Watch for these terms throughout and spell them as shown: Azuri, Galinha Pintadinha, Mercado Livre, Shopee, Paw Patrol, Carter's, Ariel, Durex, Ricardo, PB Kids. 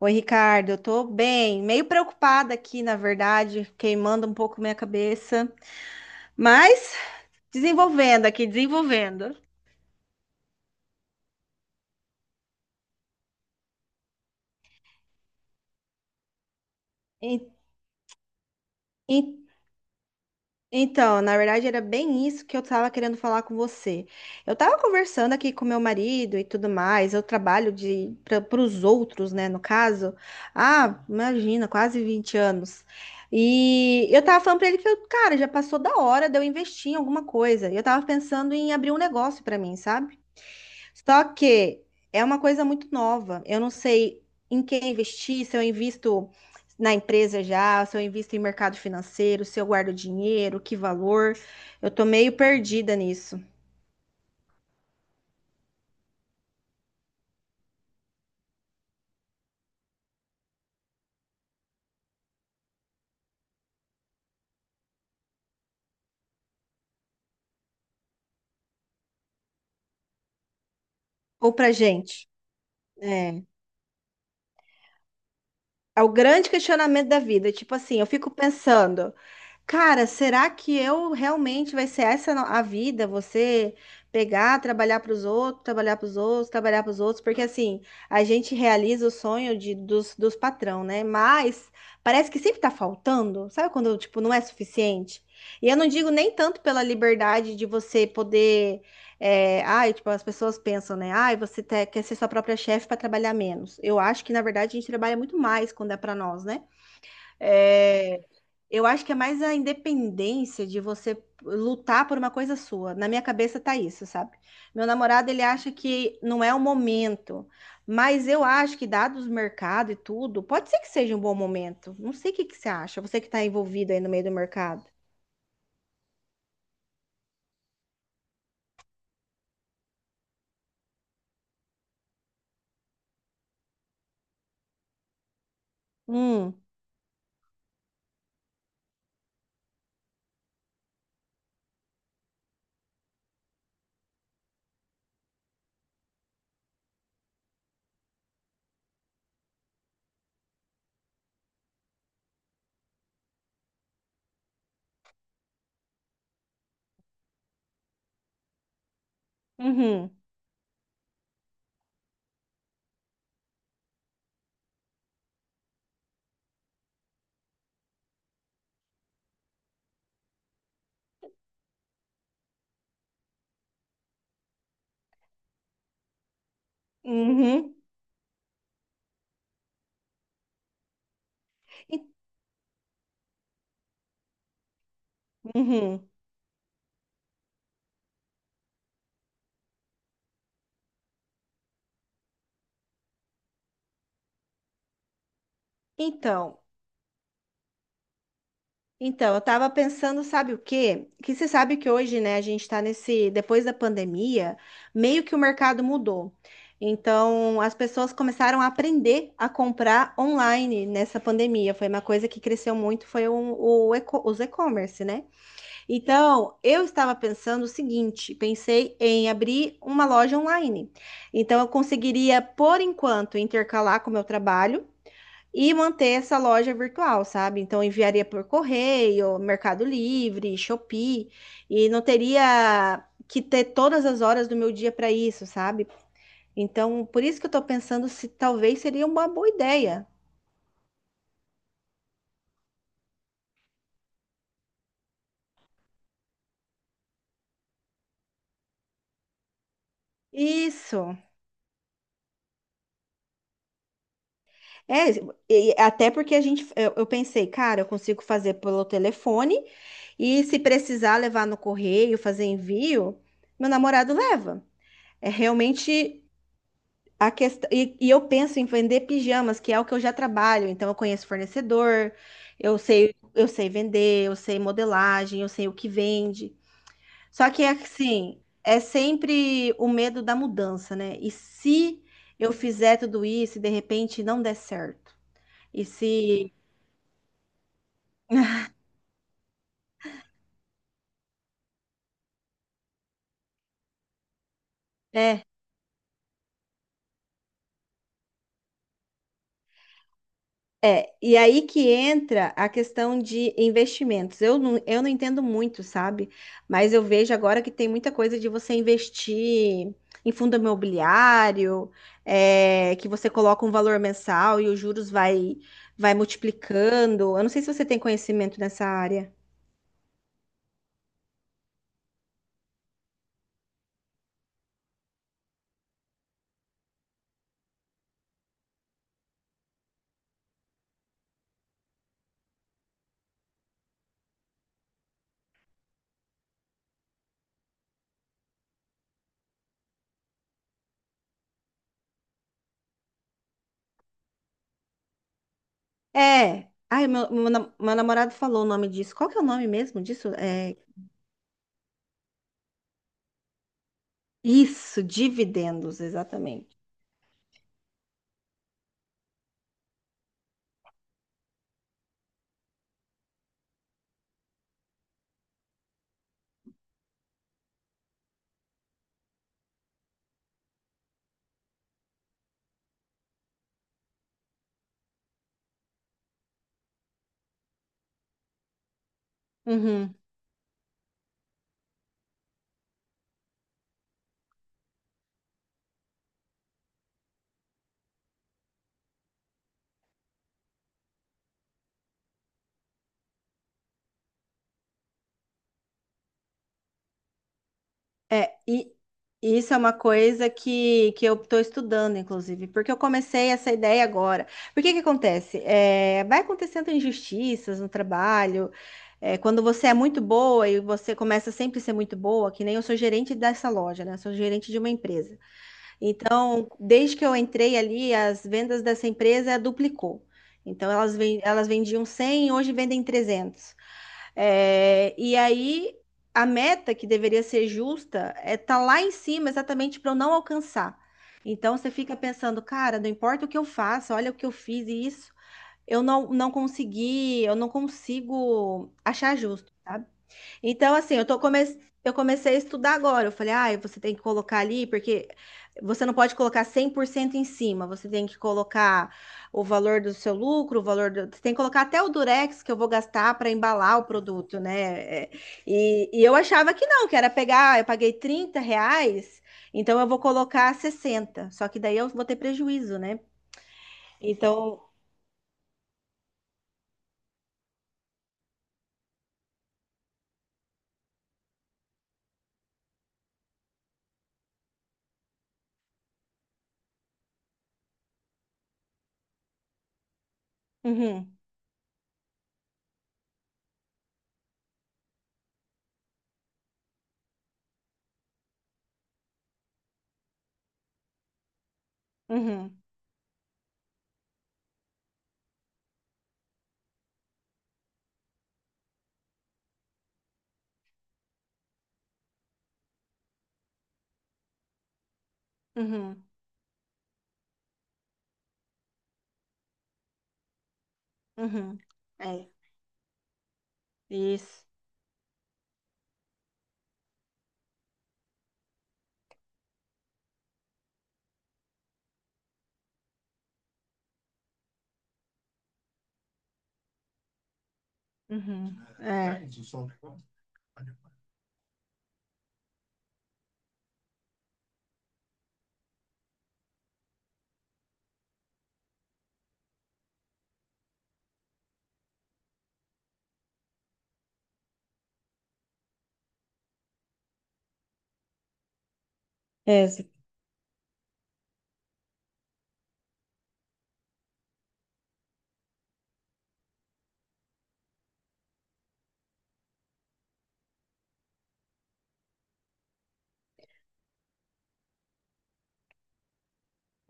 Oi, Ricardo, eu tô bem, meio preocupada aqui, na verdade, queimando um pouco minha cabeça, mas desenvolvendo aqui, desenvolvendo. En- en- Então, na verdade, era bem isso que eu estava querendo falar com você. Eu estava conversando aqui com meu marido e tudo mais, eu trabalho de para os outros, né, no caso. Ah, imagina, quase 20 anos. E eu tava falando para ele que, eu, cara, já passou da hora de eu investir em alguma coisa. E eu tava pensando em abrir um negócio para mim, sabe? Só que é uma coisa muito nova. Eu não sei em quem investir, se eu invisto na empresa já, se eu invisto em mercado financeiro, se eu guardo dinheiro, que valor. Eu tô meio perdida nisso. Ou pra gente. É. É o grande questionamento da vida. Tipo assim, eu fico pensando, cara, será que eu realmente vai ser essa a vida? Você pegar, trabalhar para os outros, trabalhar para os outros, trabalhar para os outros, porque assim, a gente realiza o sonho dos patrão, né? Mas parece que sempre tá faltando, sabe quando, tipo, não é suficiente? E eu não digo nem tanto pela liberdade de você poder. É, ai, tipo, as pessoas pensam, né? Ai, você quer ser sua própria chefe para trabalhar menos. Eu acho que, na verdade, a gente trabalha muito mais quando é para nós, né? É, eu acho que é mais a independência de você lutar por uma coisa sua. Na minha cabeça tá isso, sabe? Meu namorado, ele acha que não é o momento, mas eu acho que, dados o mercado e tudo, pode ser que seja um bom momento. Não sei o que que você acha, você que tá envolvido aí no meio do mercado. Hum, uhum, uhum, uhum. Então, Então, eu tava pensando, sabe o quê? Que você sabe que hoje, né, a gente tá nesse, depois da pandemia, meio que o mercado mudou. Então, as pessoas começaram a aprender a comprar online nessa pandemia. Foi uma coisa que cresceu muito, foi os e-commerce, né? Então, eu estava pensando o seguinte, pensei em abrir uma loja online. Então, eu conseguiria, por enquanto, intercalar com o meu trabalho e manter essa loja virtual, sabe? Então enviaria por correio, Mercado Livre, Shopee, e não teria que ter todas as horas do meu dia para isso, sabe? Então, por isso que eu tô pensando se talvez seria uma boa ideia. Isso. É, e até porque a gente, eu pensei, cara, eu consigo fazer pelo telefone e se precisar levar no correio, fazer envio, meu namorado leva. É realmente a questão, e eu penso em vender pijamas, que é o que eu já trabalho, então eu conheço fornecedor, eu sei vender, eu sei modelagem, eu sei o que vende. Só que é assim, é sempre o medo da mudança, né? E se eu fizer tudo isso e de repente não der certo? E se, né? É, e aí que entra a questão de investimentos. Eu não entendo muito, sabe? Mas eu vejo agora que tem muita coisa de você investir em fundo imobiliário, é, que você coloca um valor mensal e os juros vai multiplicando. Eu não sei se você tem conhecimento nessa área. É. Ai, meu namorado falou o nome disso. Qual que é o nome mesmo disso? É, isso, dividendos, exatamente. Uhum. É, e isso é uma coisa que eu estou estudando, inclusive, porque eu comecei essa ideia agora. Porque que acontece? É, vai acontecendo injustiças no trabalho. É, quando você é muito boa e você começa sempre a ser muito boa, que nem eu sou gerente dessa loja, né? Eu sou gerente de uma empresa. Então, desde que eu entrei ali, as vendas dessa empresa duplicou. Então, elas vendiam 100, hoje vendem 300. É, e aí a meta que deveria ser justa é tá lá em cima exatamente para eu não alcançar. Então você fica pensando, cara, não importa o que eu faça, olha o que eu fiz e isso, eu não consegui, eu não consigo achar justo, sabe? Então, assim, eu comecei a estudar agora. Eu falei, ah, você tem que colocar ali, porque você não pode colocar 100% em cima. Você tem que colocar o valor do seu lucro, o valor do... Você tem que colocar até o Durex que eu vou gastar para embalar o produto, né? É, e eu achava que não, que era pegar: "Ah, eu paguei R$ 30, então eu vou colocar 60." Só que daí eu vou ter prejuízo, né? Então, uhum, uhum, uhum, uhum. É, isso. Uhum, é. É.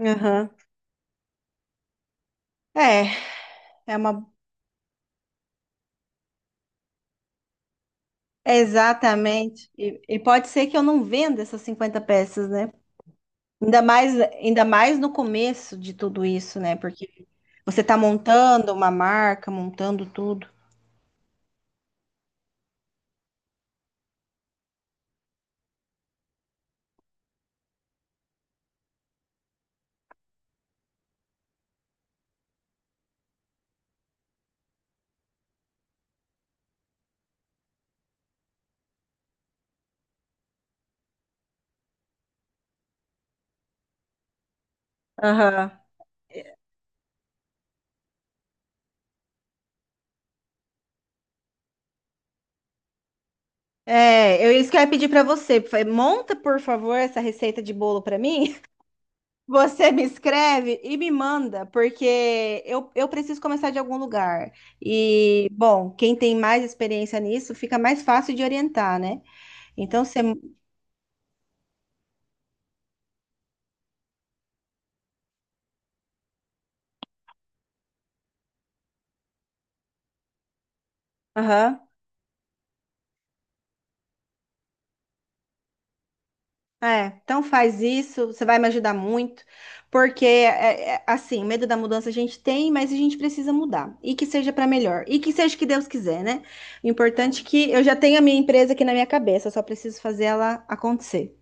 Aham. É, é uma. É exatamente. E pode ser que eu não venda essas 50 peças, né? Ainda mais no começo de tudo isso, né? Porque você tá montando uma marca, montando tudo. Aham. É, eu isso que eu ia pedir pra você. Falei: "Monta, por favor, essa receita de bolo pra mim." Você me escreve e me manda, porque eu preciso começar de algum lugar. E, bom, quem tem mais experiência nisso fica mais fácil de orientar, né? Então, você. Aham. É, então faz isso, você vai me ajudar muito, porque, é, assim, o medo da mudança a gente tem, mas a gente precisa mudar. E que seja para melhor. E que seja o que Deus quiser, né? O importante é que eu já tenho a minha empresa aqui na minha cabeça, eu só preciso fazer ela acontecer.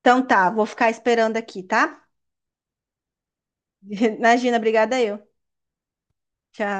Então tá, vou ficar esperando aqui, tá? Imagina, obrigada eu. Tchau.